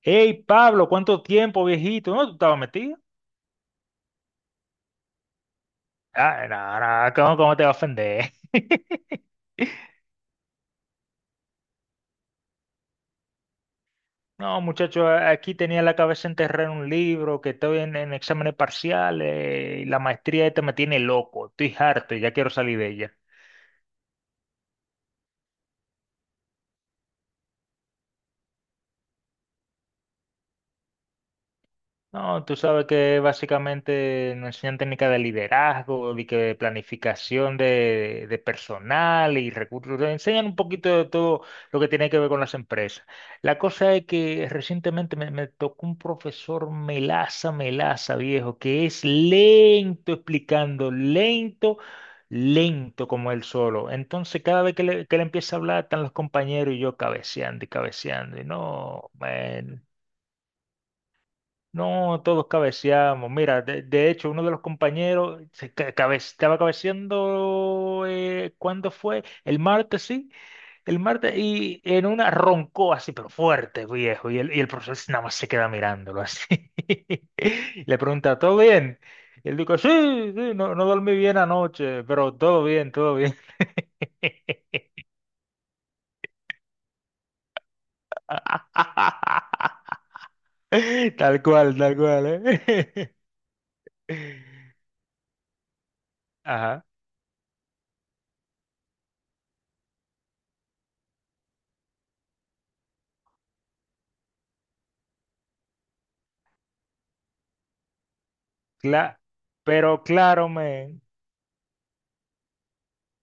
Hey, Pablo, ¿cuánto tiempo, viejito? ¿No tú estabas metido? Ah, no, no, ¿cómo te va a ofender? No, muchacho, aquí tenía la cabeza enterrada en un libro, que estoy en exámenes parciales, y la maestría esta me tiene loco, estoy harto y ya quiero salir de ella. No, tú sabes que básicamente nos enseñan técnicas de liderazgo, de que planificación de personal y recursos. Nos enseñan un poquito de todo lo que tiene que ver con las empresas. La cosa es que recientemente me tocó un profesor melaza, melaza, viejo, que es lento explicando, lento, lento como él solo. Entonces, cada vez que que le empieza a hablar, están los compañeros y yo cabeceando y cabeceando. Y no, man. No, todos cabeceamos. Mira, de hecho, uno de los compañeros estaba cabeceando, ¿cuándo fue? El martes, sí, el martes, y en una roncó así, pero fuerte, viejo, y el profesor nada más se queda mirándolo así. Le pregunta, ¿todo bien? Y él dijo, sí, sí, no, no dormí bien anoche, pero todo bien, todo bien. Tal cual, ¿eh? Ajá. Cla- pero claro, men,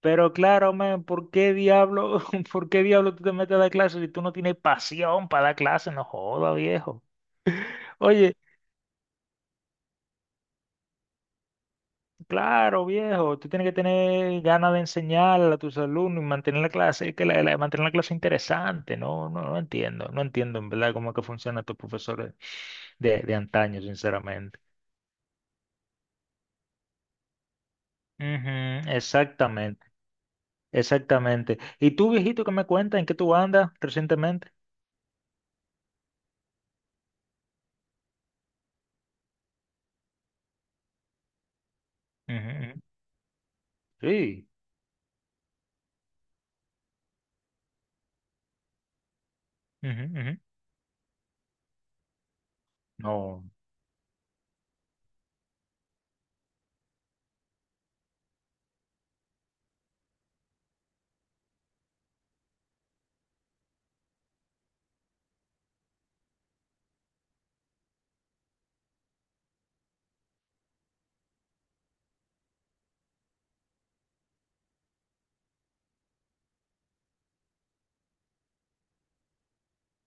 pero claro, men, ¿por qué diablo, por qué diablo tú te metes a dar clases si tú no tienes pasión para dar clases? No joda, viejo. Oye, claro, viejo, tú tienes que tener ganas de enseñar a tus alumnos y mantener la clase, mantener la clase interesante, ¿no? No, no entiendo, no entiendo en verdad cómo es que funcionan estos profesores de antaño, sinceramente. Ujú, exactamente, exactamente. ¿Y tú, viejito, qué me cuentas? ¿En qué tú andas recientemente? Ujú, sí, ujú, ujú. No.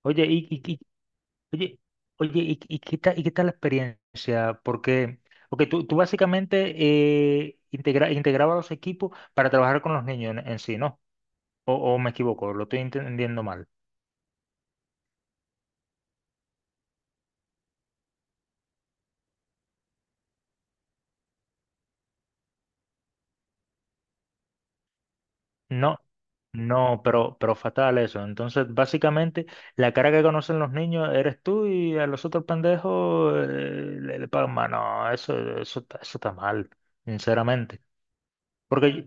Oye, oye, oye, y qué tal, la experiencia? Porque, porque tú básicamente integrabas los equipos para trabajar con los niños en sí, ¿no? O me equivoco, lo estoy entendiendo mal. No, no, pero fatal eso. Entonces, básicamente, la cara que conocen los niños eres tú y a los otros pendejos le pagan más. No, eso está mal, sinceramente. Porque, yo-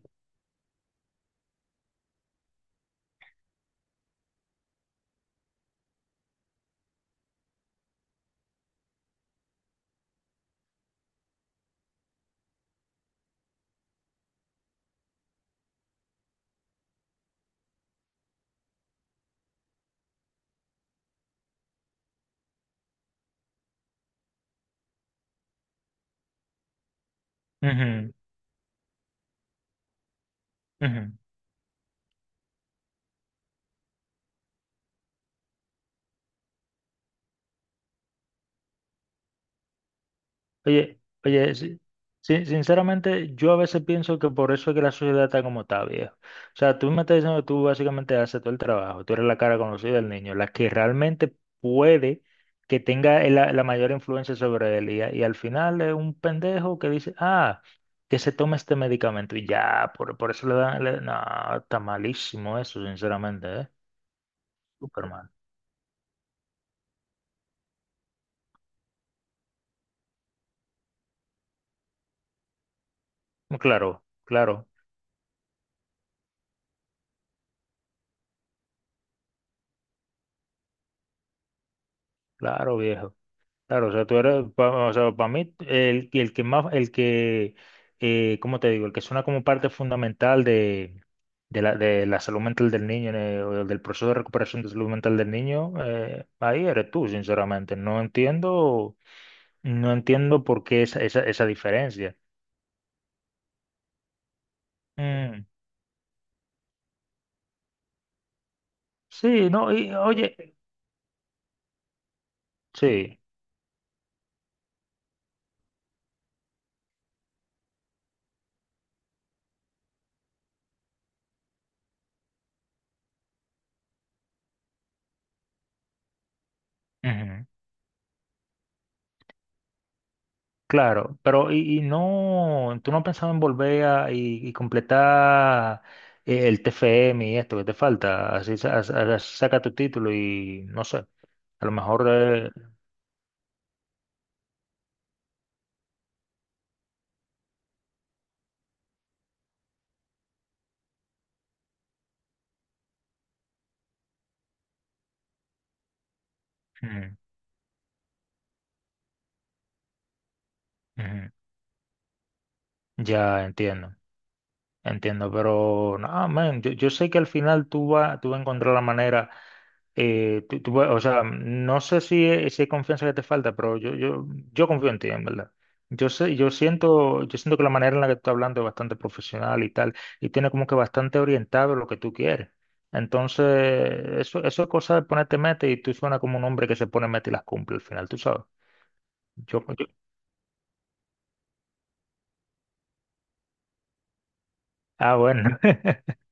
Ujú, ujú. Oye, oye, sinceramente, yo a veces pienso que por eso es que la sociedad está como está, viejo. O sea, tú me estás diciendo que tú básicamente haces todo el trabajo, tú eres la cara conocida del niño, la que realmente puede que tenga la mayor influencia sobre él. Y al final es un pendejo que dice, ah, que se tome este medicamento y ya, por eso le dan. No, está malísimo eso, sinceramente, ¿eh? Súper mal. Claro, claro, claro, viejo. Claro, o sea, o sea, para mí, el que más, el que, ¿cómo te digo? El que suena como parte fundamental de la salud mental del niño, o del proceso de recuperación de salud mental del niño, ahí eres tú, sinceramente. No entiendo, no entiendo por qué esa, esa, esa diferencia. Mm, sí, no, y oye, sí. Claro, pero y no, tú no has pensado en volver a, y completar el TFM y esto que te falta, así, así saca tu título y no sé, a lo mejor ujú, ujú, ya entiendo, entiendo, pero no, man, yo sé que al final tú vas a encontrar la manera. O sea, no sé si, si hay confianza que te falta, pero yo confío en ti, en verdad. Yo sé, yo siento que la manera en la que tú estás hablando es bastante profesional y tal, y tiene como que bastante orientado lo que tú quieres. Entonces, eso es cosa de ponerte meta y tú suena como un hombre que se pone meta y las cumple al final, tú sabes. Yo, yo- ah, bueno.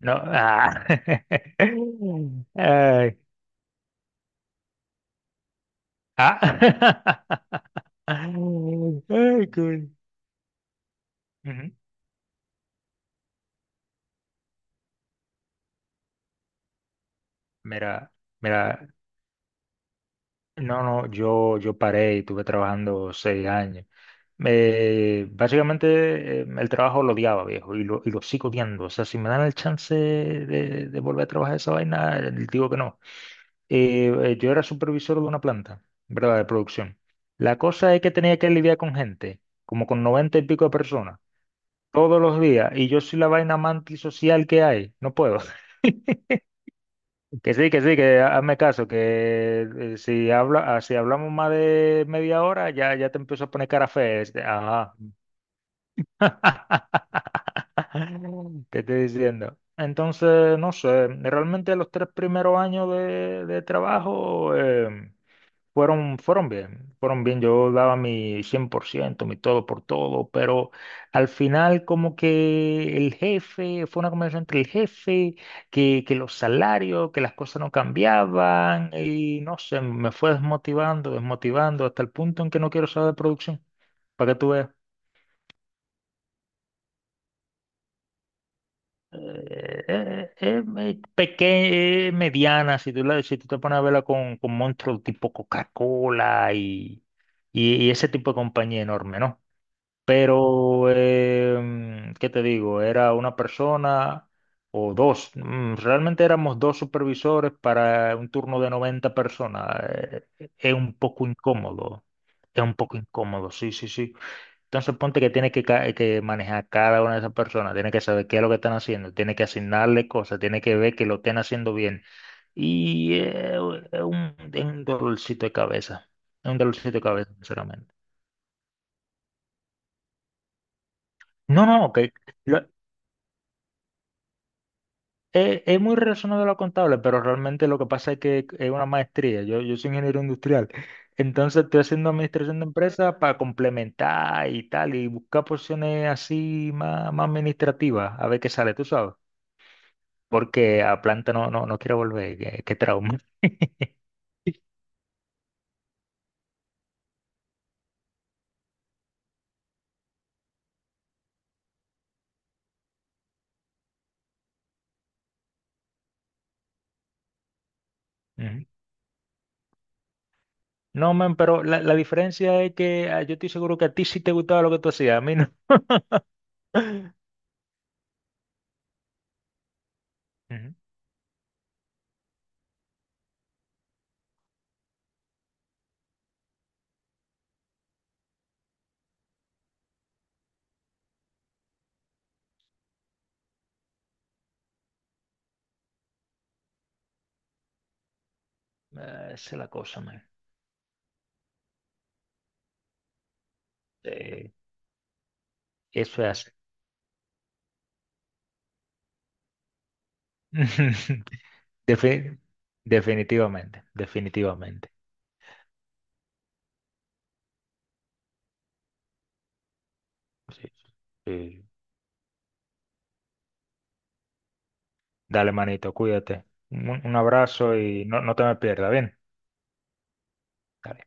No, ah. Ay, ah. Ay, cool. Ujú. Mira. Mira, no, no, yo paré y estuve trabajando 6 años. Básicamente el trabajo lo odiaba, viejo, y lo sigo odiando. O sea, si me dan el chance de volver a trabajar esa vaina, digo que no. Yo era supervisor de una planta, ¿verdad? De producción. La cosa es que tenía que lidiar con gente, como con 90 y pico de personas, todos los días, y yo soy la vaina más antisocial que hay. No puedo. Que sí, que sí, que hazme caso, que ah, si hablamos más de media hora, ya te empiezo a poner cara fea. Este, ajá. ¿Qué estoy diciendo? Entonces, no sé, realmente los 3 primeros años de trabajo, em, fueron, fueron bien, fueron bien. Yo daba mi 100% mi todo por todo, pero al final como que el jefe, fue una conversación entre el jefe, que los salarios, que las cosas no cambiaban y no sé, me fue desmotivando, desmotivando hasta el punto en que no quiero saber de producción, para que tú veas. Pequeña, mediana, si tú te pones a verla con monstruos tipo Coca-Cola y ese tipo de compañía enorme, ¿no? Pero, em, ¿qué te digo? Era una persona o dos. Mm, realmente éramos dos supervisores para un turno de 90 personas. Es un poco incómodo. Es un poco incómodo, sí, sí, sí. Entonces ponte que que manejar cada una de esas personas, tienes que saber qué es lo que están haciendo, tienes que asignarle cosas, tienes que ver que lo estén haciendo bien. Y es un dolorcito de cabeza, es un dolorcito de cabeza, sinceramente. No, no, que, lo- es muy relacionado a lo contable, pero realmente lo que pasa es que es una maestría. Yo soy ingeniero industrial. Entonces estoy haciendo administración de empresas para complementar y tal, y buscar posiciones así más, más administrativas, a ver qué sale, tú sabes. Porque a planta no, no, no quiero volver, qué, qué trauma. Ujú. No, man, pero la diferencia es que ah, yo estoy seguro que a ti sí te gustaba lo que tú hacías, a mí no. Ujú. Ah, esa es la cosa, man. Eh, eso es así. Defi- definitivamente, definitivamente. Sí, sí. Dale, manito, cuídate. Un abrazo y no, no te me pierdas, bien. Dale.